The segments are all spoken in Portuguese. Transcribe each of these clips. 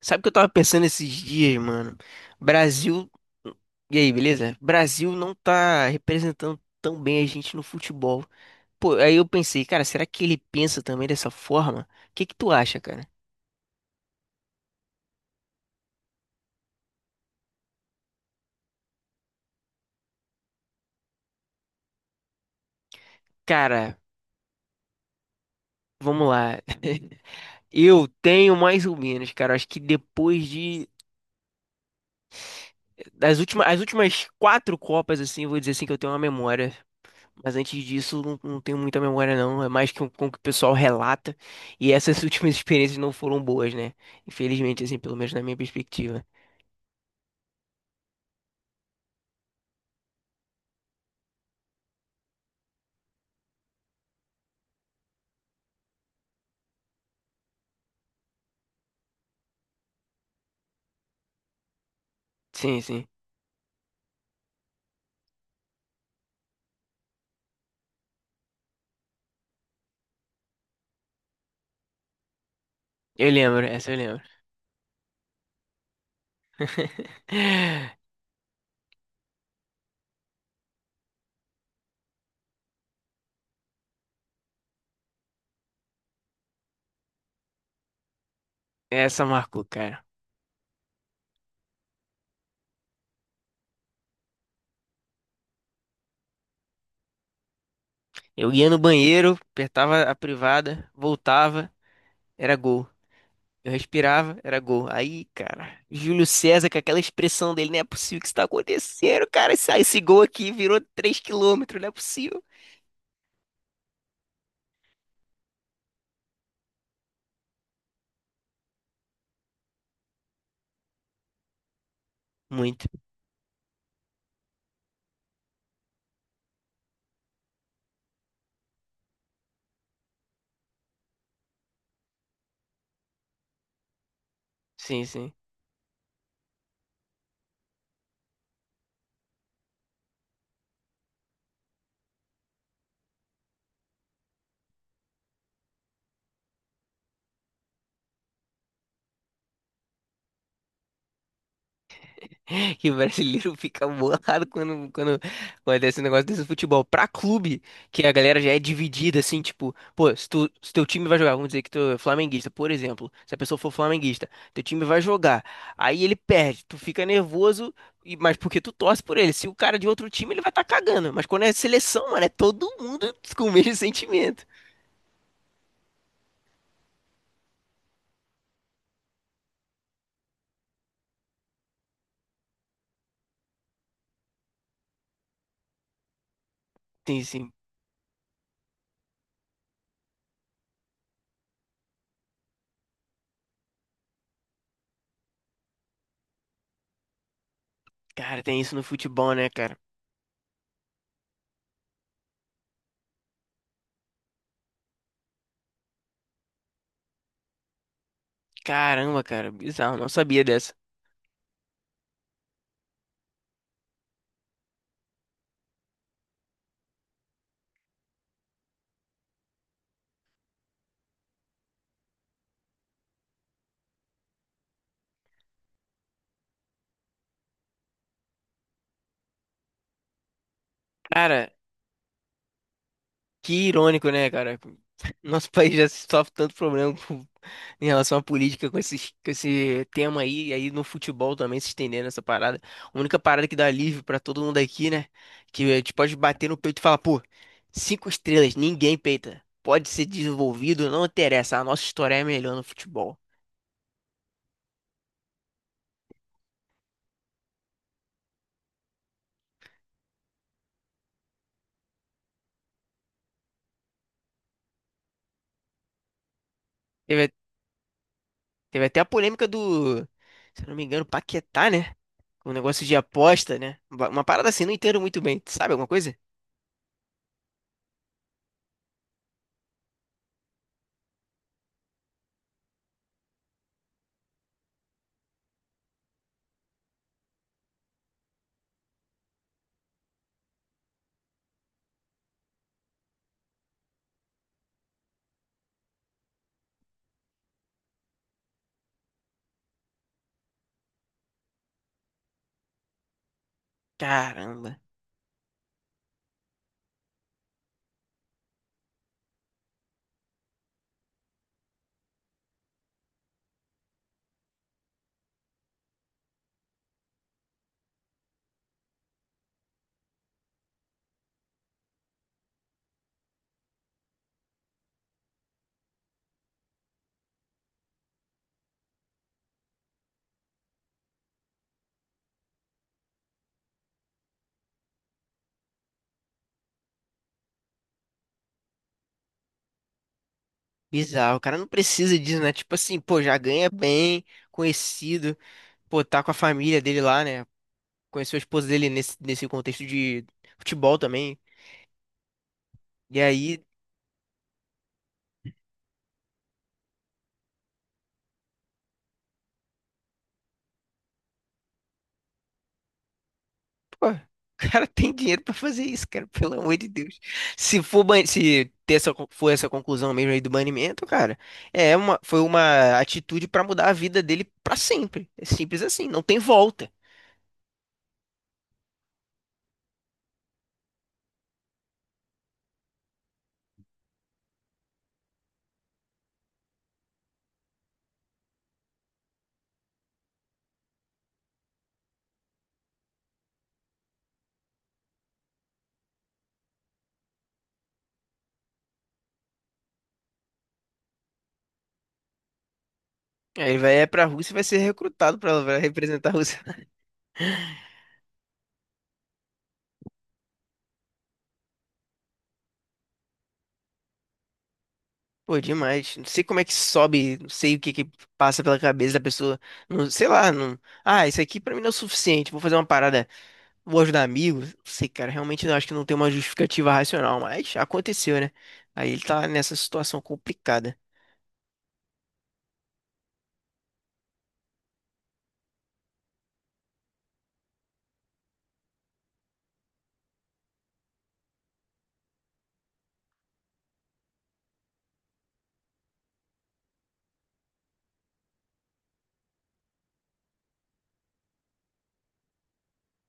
Sabe o que eu tava pensando esses dias, mano? Brasil. E aí, beleza? Brasil não tá representando tão bem a gente no futebol. Pô, aí eu pensei, cara, será que ele pensa também dessa forma? O que que tu acha, cara? Cara, vamos lá. Eu tenho mais ou menos, cara. Acho que depois de. As últimas quatro Copas, assim, eu vou dizer assim que eu tenho uma memória. Mas antes disso, não, não tenho muita memória, não. É mais que com o que o pessoal relata. E essas últimas experiências não foram boas, né? Infelizmente, assim, pelo menos na minha perspectiva. Sim, sim. Eu lembro, essa eu lembro. Essa marcou, cara. Eu ia no banheiro, apertava a privada, voltava, era gol. Eu respirava, era gol. Aí, cara, Júlio César com aquela expressão dele, não é possível que isso tá acontecendo, cara. Esse gol aqui virou 3 quilômetros, não é possível. Muito. Sim, sim. Que o brasileiro fica bolado quando, quando acontece um negócio desse no futebol. Pra clube, que a galera já é dividida, assim, tipo, pô, se teu time vai jogar, vamos dizer que tu é flamenguista, por exemplo, se a pessoa for flamenguista, teu time vai jogar, aí ele perde, tu fica nervoso, mas porque tu torce por ele. Se o cara de outro time, ele vai estar cagando. Mas quando é seleção, mano, é todo mundo com o mesmo sentimento. Sim, sim. Cara, tem isso no futebol, né, cara? Caramba, cara, bizarro, não sabia dessa. Cara, que irônico, né, cara? Nosso país já sofre tanto problema com- em relação à política com esses, com esse tema aí, e aí no futebol também se estendendo essa parada. A única parada que dá alívio pra todo mundo aqui, né? Que a gente pode bater no peito e falar, pô, cinco estrelas, ninguém peita. Pode ser desenvolvido, não interessa. A nossa história é melhor no futebol. Teve, teve até a polêmica do, se eu não me engano, Paquetá, né? Um negócio de aposta, né? Uma parada assim, não entendo muito bem. Tu sabe alguma coisa? Caramba. Bizarro, o cara não precisa disso, né? Tipo assim, pô, já ganha bem, conhecido, pô, tá com a família dele lá, né? Conheceu a esposa dele nesse contexto de futebol também. E aí, pô, o cara tem dinheiro pra fazer isso, cara, pelo amor de Deus. Se for, ban- se ter essa, con- for essa conclusão mesmo aí do banimento, cara, é uma, foi uma atitude pra mudar a vida dele pra sempre. É simples assim, não tem volta. Aí ele vai pra Rússia e vai ser recrutado pra representar a Rússia. Pô, demais. Não sei como é que sobe, não sei o que que passa pela cabeça da pessoa. Não, sei lá, não. Ah, isso aqui pra mim não é o suficiente. Vou fazer uma parada, vou ajudar amigos. Não sei, cara, realmente eu acho que não tem uma justificativa racional, mas aconteceu, né? Aí ele tá nessa situação complicada.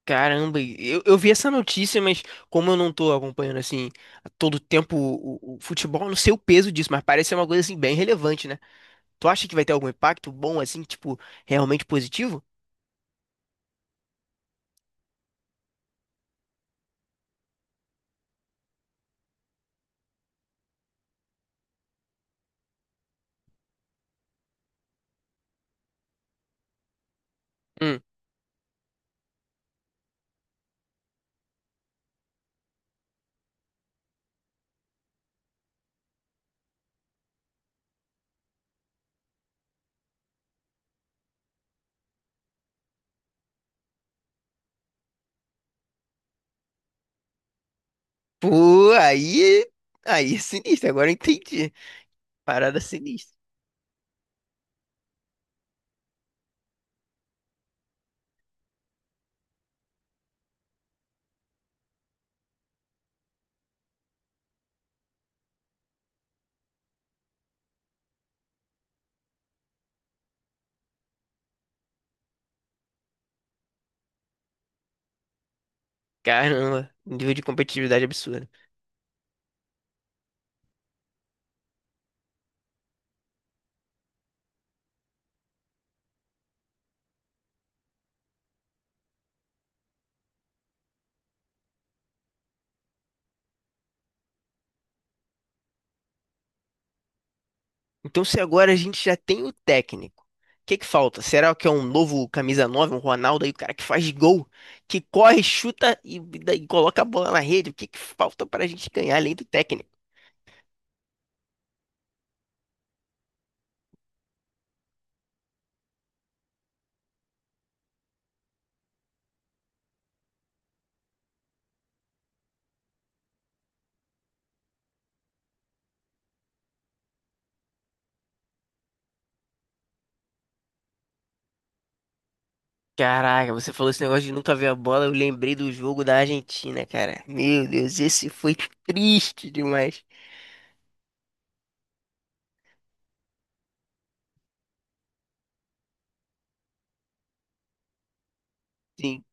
Caramba, e eu vi essa notícia, mas como eu não tô acompanhando assim a todo tempo o futebol, eu não sei o peso disso, mas parece ser uma coisa assim bem relevante, né? Tu acha que vai ter algum impacto bom assim, tipo, realmente positivo? Pô, aí é sinistro, agora eu entendi. Parada sinistra. Caramba, nível de competitividade absurdo. Então, se agora a gente já tem o técnico, o que que falta? Será que é um novo camisa 9, um Ronaldo aí, o cara que faz gol, que corre, chuta e coloca a bola na rede? O que que falta pra gente ganhar além do técnico? Caraca, você falou esse negócio de nunca ver a bola, eu lembrei do jogo da Argentina, cara. Meu Deus, esse foi triste demais. Sim.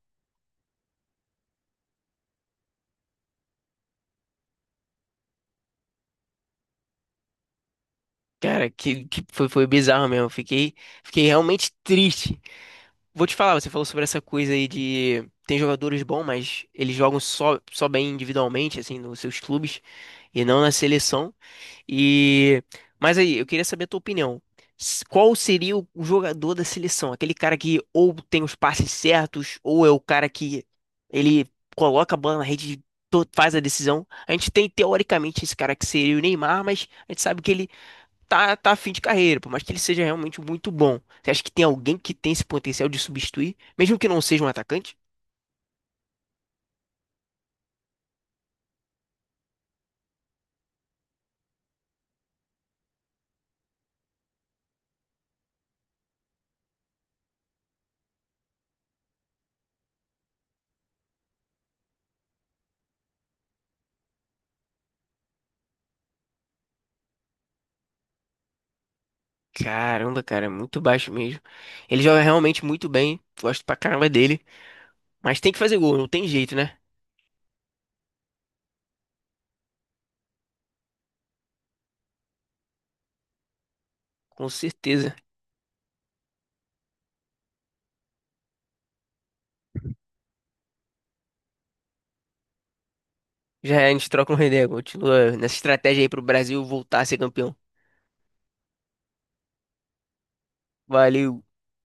Cara, que foi bizarro mesmo. Eu fiquei realmente triste. Vou te falar, você falou sobre essa coisa aí de tem jogadores bons, mas eles jogam só bem individualmente, assim, nos seus clubes e não na seleção. E mas aí, eu queria saber a tua opinião. Qual seria o jogador da seleção? Aquele cara que ou tem os passes certos, ou é o cara que ele coloca a bola na rede, e faz a decisão. A gente tem teoricamente esse cara que seria o Neymar, mas a gente sabe que ele tá a fim de carreira, por mais que ele seja realmente muito bom. Você acha que tem alguém que tem esse potencial de substituir, mesmo que não seja um atacante? Caramba, cara, é muito baixo mesmo. Ele joga realmente muito bem, gosto pra caramba dele, mas tem que fazer gol, não tem jeito, né? Com certeza. Já é, a gente troca um ideia, continua nessa estratégia aí pro Brasil voltar a ser campeão. Valeu.